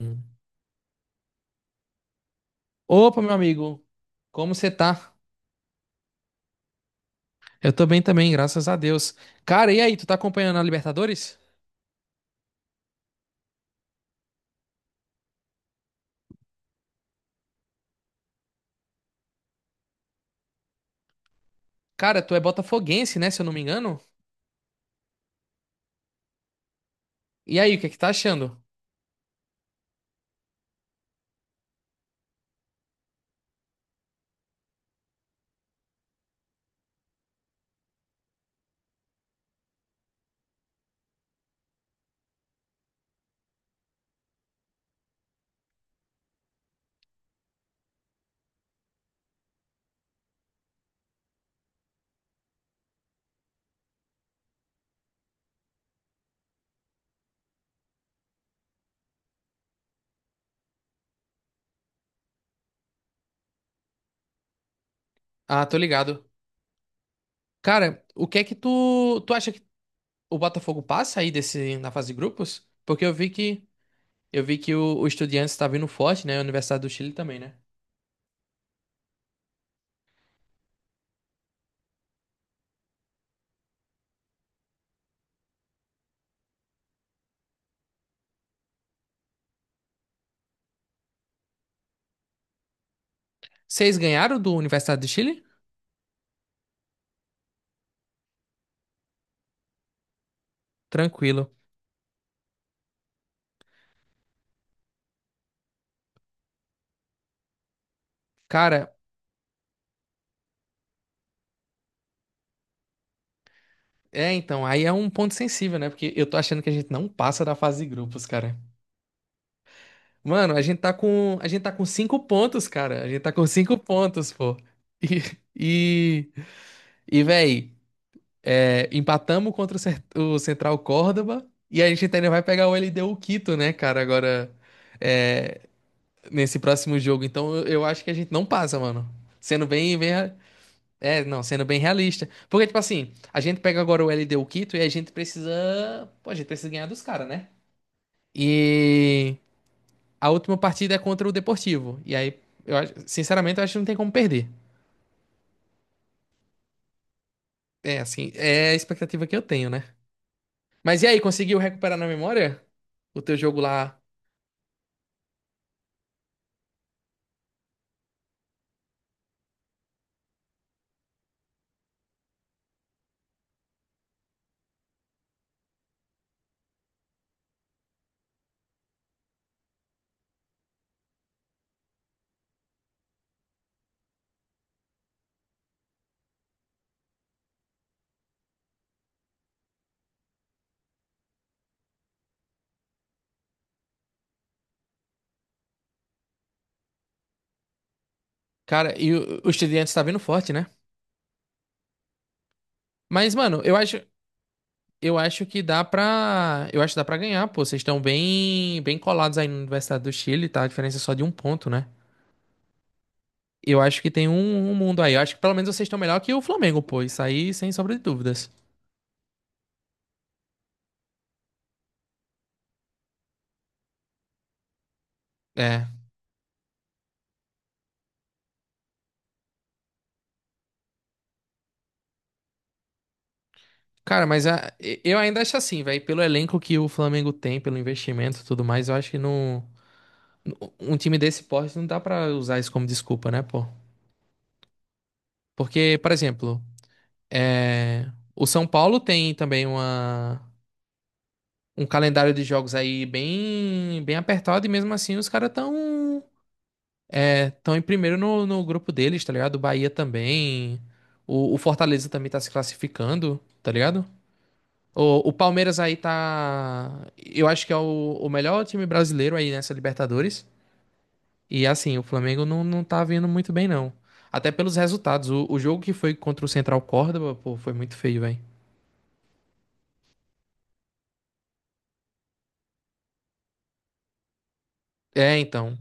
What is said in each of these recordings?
Hum. Opa, meu amigo, como você tá? Eu tô bem também, graças a Deus. Cara, e aí, tu tá acompanhando a Libertadores? Cara, tu é botafoguense, né, se eu não me engano? E aí, o que é que tá achando? Ah, tô ligado. Cara, o que é que tu acha que o Botafogo passa aí desse, na fase de grupos? Porque eu vi que o Estudiantes tá vindo forte, né, a Universidade do Chile também, né? Vocês ganharam do Universidade do Chile? Tranquilo. Cara, é, então, aí é um ponto sensível, né? Porque eu tô achando que a gente não passa da fase de grupos, cara. Mano, a gente tá com cinco pontos, cara. A gente tá com cinco pontos, pô. E, e, véi, é, empatamos contra o Central Córdoba e a gente ainda vai pegar o LDU Quito, né, cara, agora é, nesse próximo jogo. Então eu acho que a gente não passa, mano. Sendo bem, bem, rea- é, não, Sendo bem realista. Porque, tipo assim, a gente pega agora o LDU Quito e a gente precisa, pô, a gente precisa ganhar dos caras, né? E A última partida é contra o Deportivo. E aí, sinceramente, eu acho que não tem como perder. É, assim, é a expectativa que eu tenho, né? Mas e aí, conseguiu recuperar na memória o teu jogo lá? Cara, e o Estudiantes tá vindo forte, né? Mas, mano, eu acho que dá pra. Eu acho que dá pra ganhar, pô. Vocês estão bem, bem colados aí na Universidade do Chile, tá? A diferença é só de um ponto, né? Eu acho que tem um mundo aí. Eu acho que pelo menos vocês estão melhor que o Flamengo, pô. Isso aí, sem sombra de dúvidas. É. Cara, mas a- eu ainda acho assim, velho. Pelo elenco que o Flamengo tem, pelo investimento e tudo mais, eu acho que não. Um time desse porte não dá pra usar isso como desculpa, né, pô? Porque, por exemplo, é, o São Paulo tem também uma... um calendário de jogos aí bem, bem apertado e mesmo assim os caras tão estão em primeiro no grupo deles, tá ligado? O Bahia também. O Fortaleza também tá se classificando, tá ligado? O Palmeiras aí tá. Eu acho que é o melhor time brasileiro aí nessa Libertadores. E assim, o Flamengo não tá vindo muito bem, não. Até pelos resultados. O jogo que foi contra o Central Córdoba, pô, foi muito feio, velho. É, então.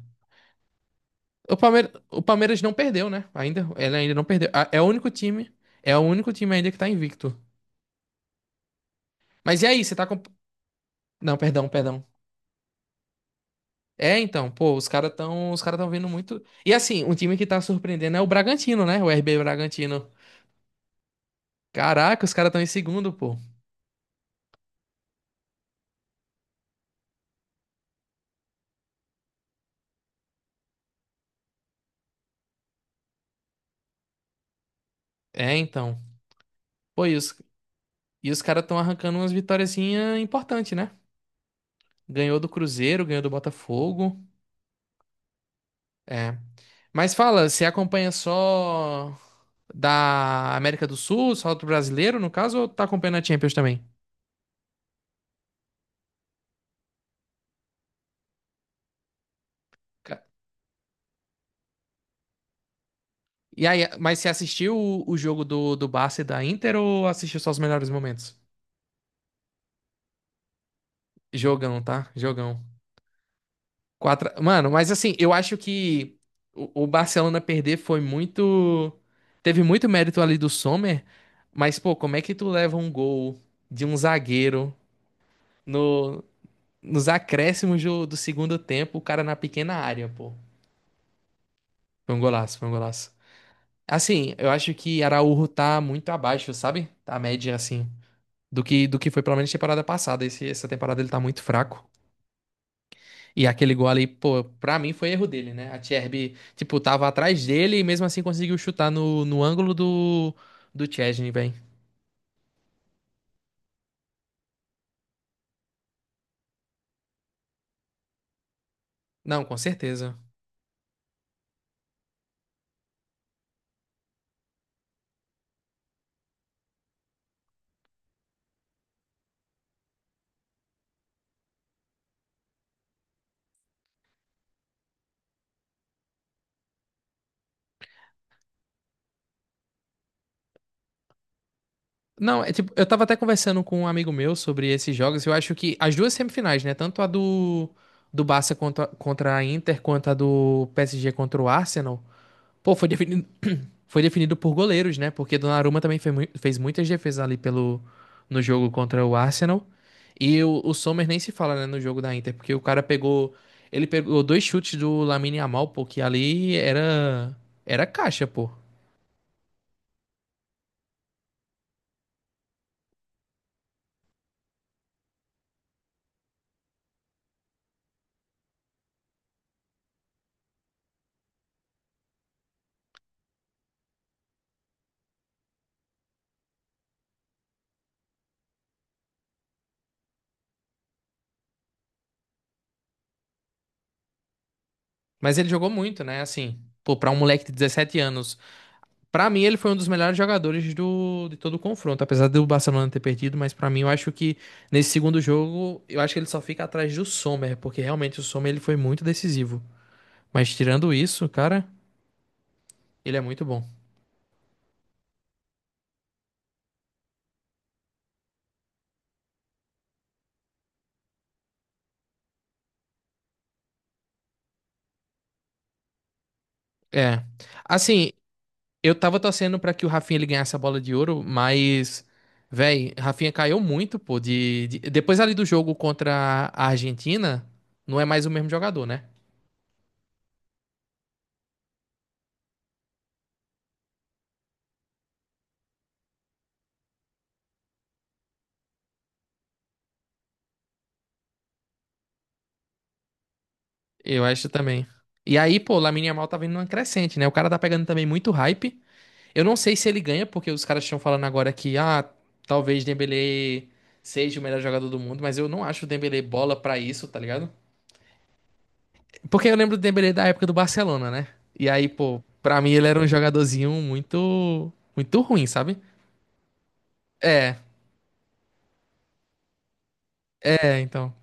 O Palmeiras não perdeu, né? Ainda, ele ainda não perdeu. É o único time. É o único time ainda que tá invicto. Mas e aí, você tá com. Não, perdão, perdão. É, então, pô, os cara tão vindo muito. E assim, um time que tá surpreendendo é o Bragantino, né? O RB Bragantino. Caraca, os caras estão em segundo, pô. É, então. Pô, e os caras estão arrancando umas vitóriazinhas importantes, né? Ganhou do Cruzeiro, ganhou do Botafogo. É. Mas fala, você acompanha só da América do Sul, só do brasileiro, no caso, ou tá acompanhando a Champions também? Ca- E aí, mas você assistiu o jogo do Barça e da Inter ou assistiu só os melhores momentos? Jogão, tá? Jogão. Quatro... Mano, mas assim, eu acho que o Barcelona perder foi muito. Teve muito mérito ali do Sommer, mas, pô, como é que tu leva um gol de um zagueiro no, nos acréscimos do segundo tempo, o cara na pequena área, pô? Foi um golaço, foi um golaço. Assim, eu acho que Araújo tá muito abaixo, sabe? Tá A média, assim, do que foi pelo menos temporada passada. Essa temporada ele tá muito fraco. E aquele gol ali, pô, pra mim foi erro dele, né? A Tcherby, tipo, tava atrás dele e mesmo assim conseguiu chutar no ângulo do Szczęsny, velho. Não, com certeza. Não, é tipo, eu tava até conversando com um amigo meu sobre esses jogos. Eu acho que as duas semifinais, né? Tanto do Barça contra a Inter, quanto a do PSG contra o Arsenal. Pô, foi definido por goleiros, né? Porque Donnarumma também fez muitas defesas ali no jogo contra o Arsenal. E o Sommer nem se fala, né, no jogo da Inter, porque o cara pegou. Ele pegou dois chutes do Lamine Yamal, pô, que ali era. Era caixa, pô. Mas ele jogou muito, né? Assim, pô, pra um moleque de 17 anos. Pra mim, ele foi um dos melhores jogadores do, de todo o confronto, apesar do Barcelona ter perdido, mas pra mim, eu acho que nesse segundo jogo, eu acho que ele só fica atrás do Sommer, porque realmente o Sommer ele foi muito decisivo. Mas tirando isso, cara, ele é muito bom. É. Assim, eu tava torcendo pra que o Rafinha ele ganhasse a bola de ouro, mas, véi, Rafinha caiu muito, pô, depois ali do jogo contra a Argentina, não é mais o mesmo jogador, né? Eu acho também. E aí, pô, o Lamine Yamal tá vindo numa crescente, né? O cara tá pegando também muito hype. Eu não sei se ele ganha, porque os caras estão falando agora que, ah, talvez Dembélé seja o melhor jogador do mundo, mas eu não acho o Dembélé bola pra isso, tá ligado? Porque eu lembro do Dembélé da época do Barcelona, né? E aí, pô, pra mim ele era um jogadorzinho muito, muito ruim, sabe? É, é, então.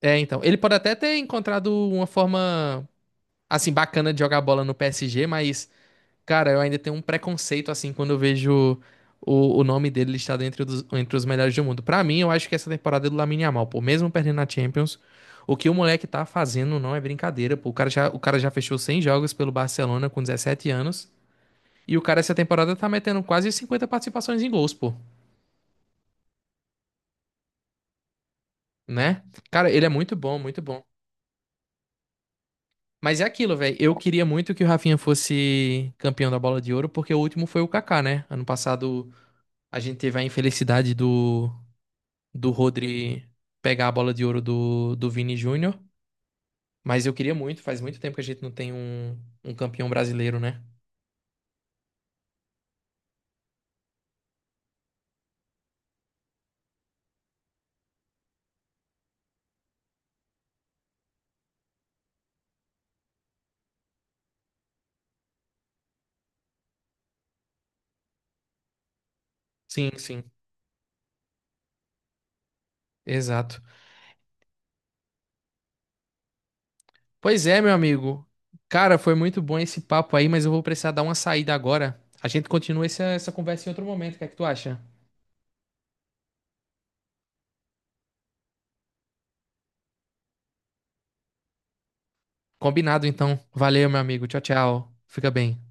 Ele pode até ter encontrado uma forma, assim, bacana de jogar bola no PSG, mas, cara, eu ainda tenho um preconceito, assim, quando eu vejo o nome dele listado entre entre os melhores do mundo. Pra mim, eu acho que essa temporada é do Lamine Yamal, pô, mesmo perdendo na Champions, o que o moleque tá fazendo não é brincadeira, pô. O cara já fechou 100 jogos pelo Barcelona com 17 anos. E o cara, essa temporada, tá metendo quase 50 participações em gols, pô. Né? Cara, ele é muito bom, muito bom. Mas é aquilo, velho. Eu queria muito que o Rafinha fosse campeão da Bola de Ouro, porque o último foi o Kaká, né? Ano passado a gente teve a infelicidade do Rodri pegar a Bola de Ouro do Vini Júnior. Mas eu queria muito, faz muito tempo que a gente não tem um campeão brasileiro, né? Sim, sim. Exato. Pois é, meu amigo. Cara, foi muito bom esse papo aí, mas eu vou precisar dar uma saída agora. A gente continua essa conversa em outro momento. O que é que tu acha? Combinado, então. Valeu, meu amigo. Tchau, tchau. Fica bem.